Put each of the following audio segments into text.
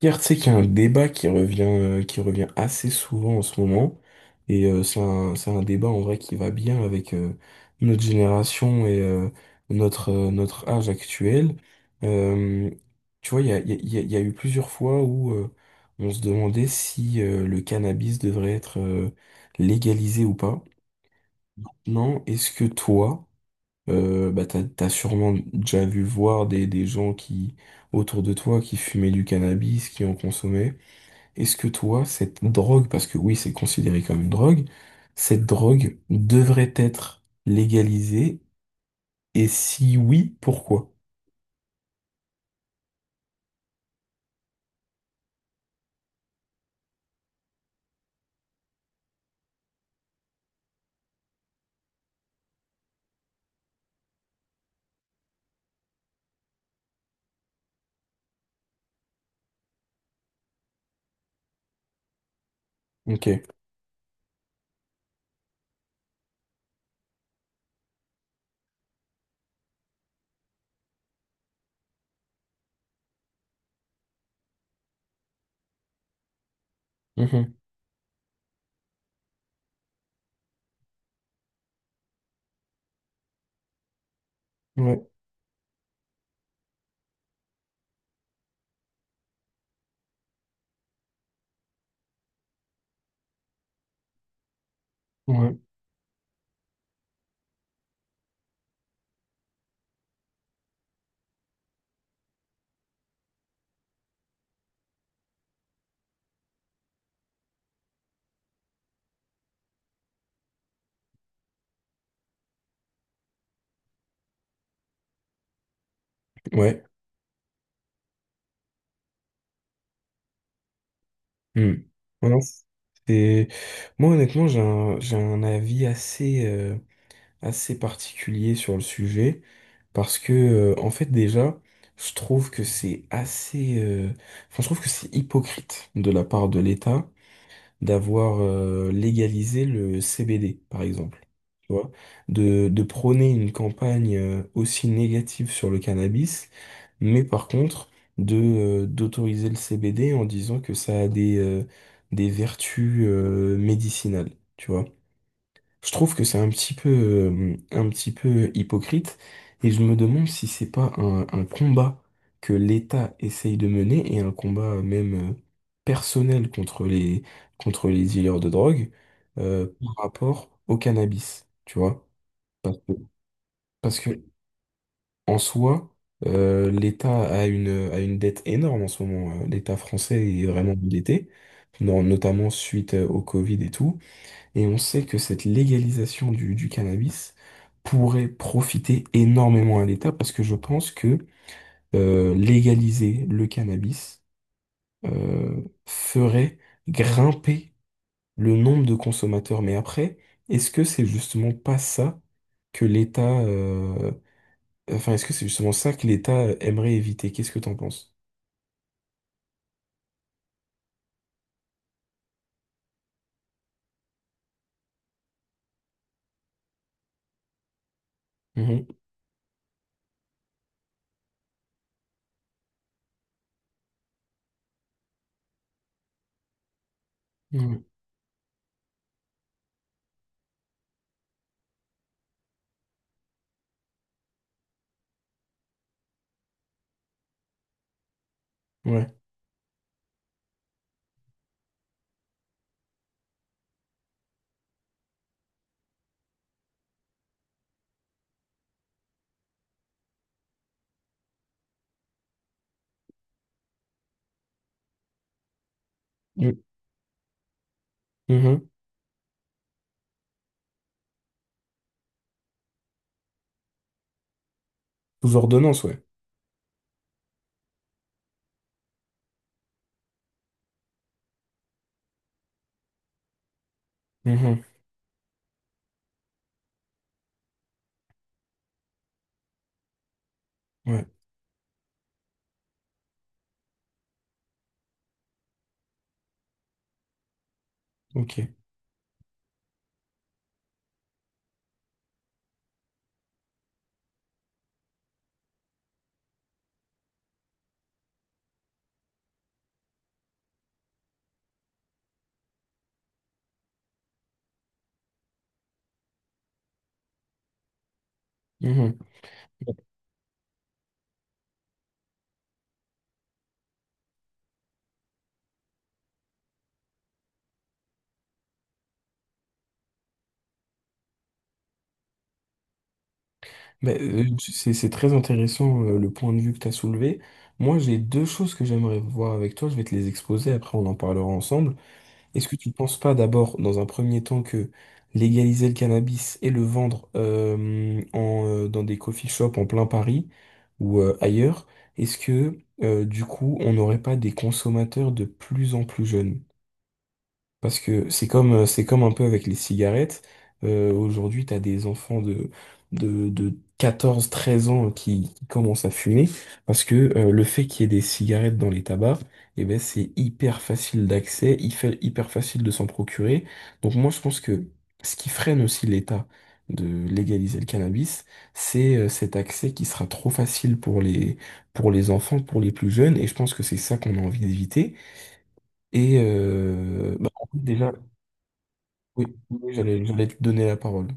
Pierre, tu sais qu'il y a un débat qui revient assez souvent en ce moment, c'est c'est un débat en vrai qui va bien avec notre génération notre, notre âge actuel. Euh, Tu vois, il y a, il y a eu plusieurs fois où on se demandait si le cannabis devrait être légalisé ou pas. Non, est-ce que toi, t'as sûrement déjà vu voir des gens qui, autour de toi qui fumaient du cannabis, qui en consommaient. Est-ce que toi, cette drogue, parce que oui, c'est considéré comme une drogue, cette drogue devrait être légalisée? Et si oui, pourquoi? Ok. Mhm. Ouais, ouais, ouais. Hmm. Ouais, non, c'est... Moi, honnêtement, j'ai un avis assez, assez particulier sur le sujet, parce que, en fait, déjà, je trouve que c'est je trouve que c'est hypocrite de la part de l'État d'avoir légalisé le CBD, par exemple. Tu vois, de prôner une campagne aussi négative sur le cannabis, mais par contre de d'autoriser le CBD en disant que ça a des vertus médicinales. Tu vois. Je trouve que c'est un petit peu hypocrite et je me demande si c'est pas un combat que l'État essaye de mener et un combat même personnel contre contre les dealers de drogue par rapport au cannabis, tu vois. Parce que, Parce que en soi, l'État a a une dette énorme en ce moment. L'État français est vraiment endetté, notamment suite au Covid et tout. Et on sait que cette légalisation du cannabis pourrait profiter énormément à l'État parce que je pense que légaliser le cannabis ferait grimper le nombre de consommateurs. Mais après, est-ce que c'est justement pas ça que l'État... est-ce que c'est justement ça que l'État aimerait éviter? Qu'est-ce que t'en penses? Mhm. Mhm. Ouais. Mhm. Mhm. Sous ordonnance, ouais. Mhm. Ouais. Ok. Mhm. Mais, c'est très intéressant le point de vue que tu as soulevé. Moi, j'ai deux choses que j'aimerais voir avec toi. Je vais te les exposer, après on en parlera ensemble. Est-ce que tu ne penses pas d'abord, dans un premier temps, que légaliser le cannabis et le vendre dans des coffee shops en plein Paris ou ailleurs, est-ce que du coup, on n'aurait pas des consommateurs de plus en plus jeunes? Parce que c'est comme un peu avec les cigarettes. Aujourd'hui, tu as des enfants de 14, 13 ans qui commencent à fumer. Parce que le fait qu'il y ait des cigarettes dans les tabacs, eh ben, c'est hyper facile d'accès, hyper facile de s'en procurer. Donc moi, je pense que ce qui freine aussi l'État de légaliser le cannabis, c'est cet accès qui sera trop facile pour pour les enfants, pour les plus jeunes. Et je pense que c'est ça qu'on a envie d'éviter. En fait, déjà, oui, oui, j'allais te donner la parole.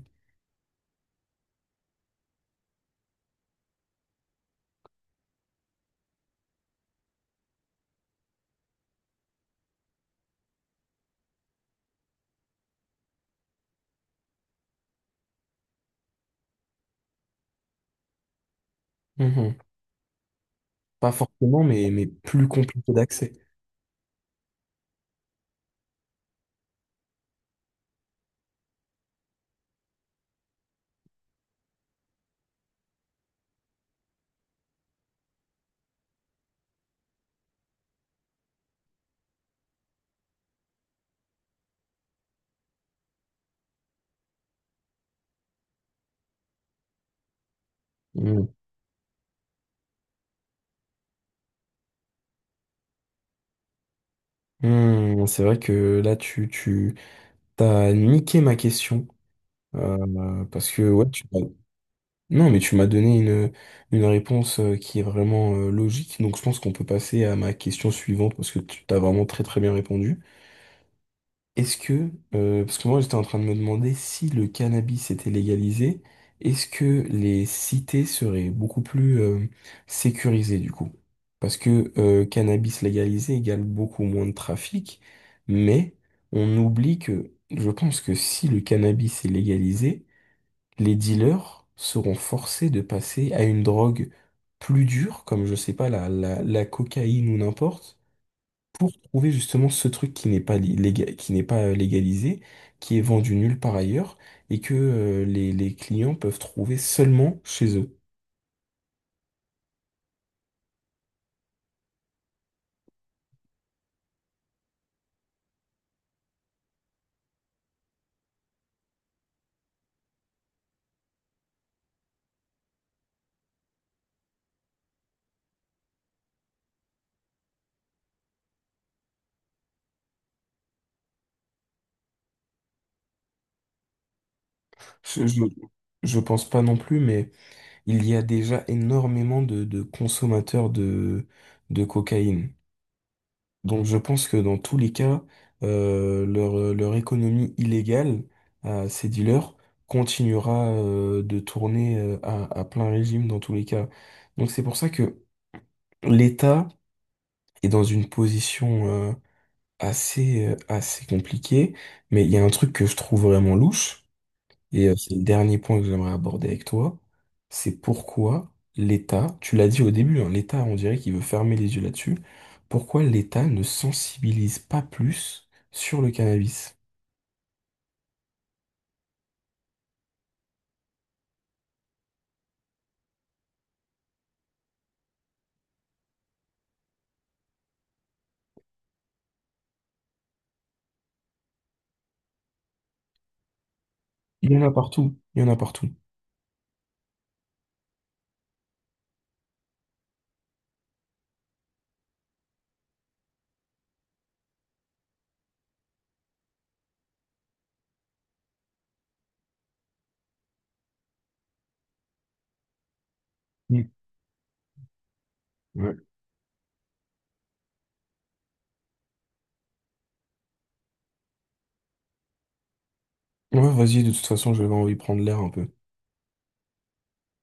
Mhm. Pas forcément, mais plus compliqué d'accès. Mhm. Mhm, c'est vrai que là, tu t'as niqué ma question. Parce que, ouais, tu m'as- Non, mais tu m'as donné une réponse qui est vraiment logique. Donc, je pense qu'on peut passer à ma question suivante parce que tu t'as vraiment très, très bien répondu. Est-ce que, parce que moi j'étais en train de me demander si le cannabis était légalisé, est-ce que les cités seraient beaucoup plus sécurisées du coup? Parce que cannabis légalisé égale beaucoup moins de trafic, mais on oublie que je pense que si le cannabis est légalisé, les dealers seront forcés de passer à une drogue plus dure, comme je sais pas, la cocaïne ou n'importe pour trouver justement ce truc qui n'est pas qui n'est pas légalisé, qui est vendu nulle part ailleurs, et que les clients peuvent trouver seulement chez eux. Je, je, je pense pas non plus, mais il y a déjà énormément de consommateurs de cocaïne. Donc je pense que dans tous les cas, leur économie illégale à ces dealers continuera de tourner à plein régime dans tous les cas. Donc c'est pour ça que l'État est dans une position assez compliquée. Mais il y a un truc que je trouve vraiment louche, c'est le dernier point que j'aimerais aborder avec toi, c'est pourquoi l'État, tu l'as dit au début, hein, l'État, on dirait qu'il veut fermer les yeux là-dessus, pourquoi l'État ne sensibilise pas plus sur le cannabis? Il y en a partout, il y en a partout. Mm. Ouais. Ouais, vas-y, de toute façon, je vais envie de prendre l'air un peu.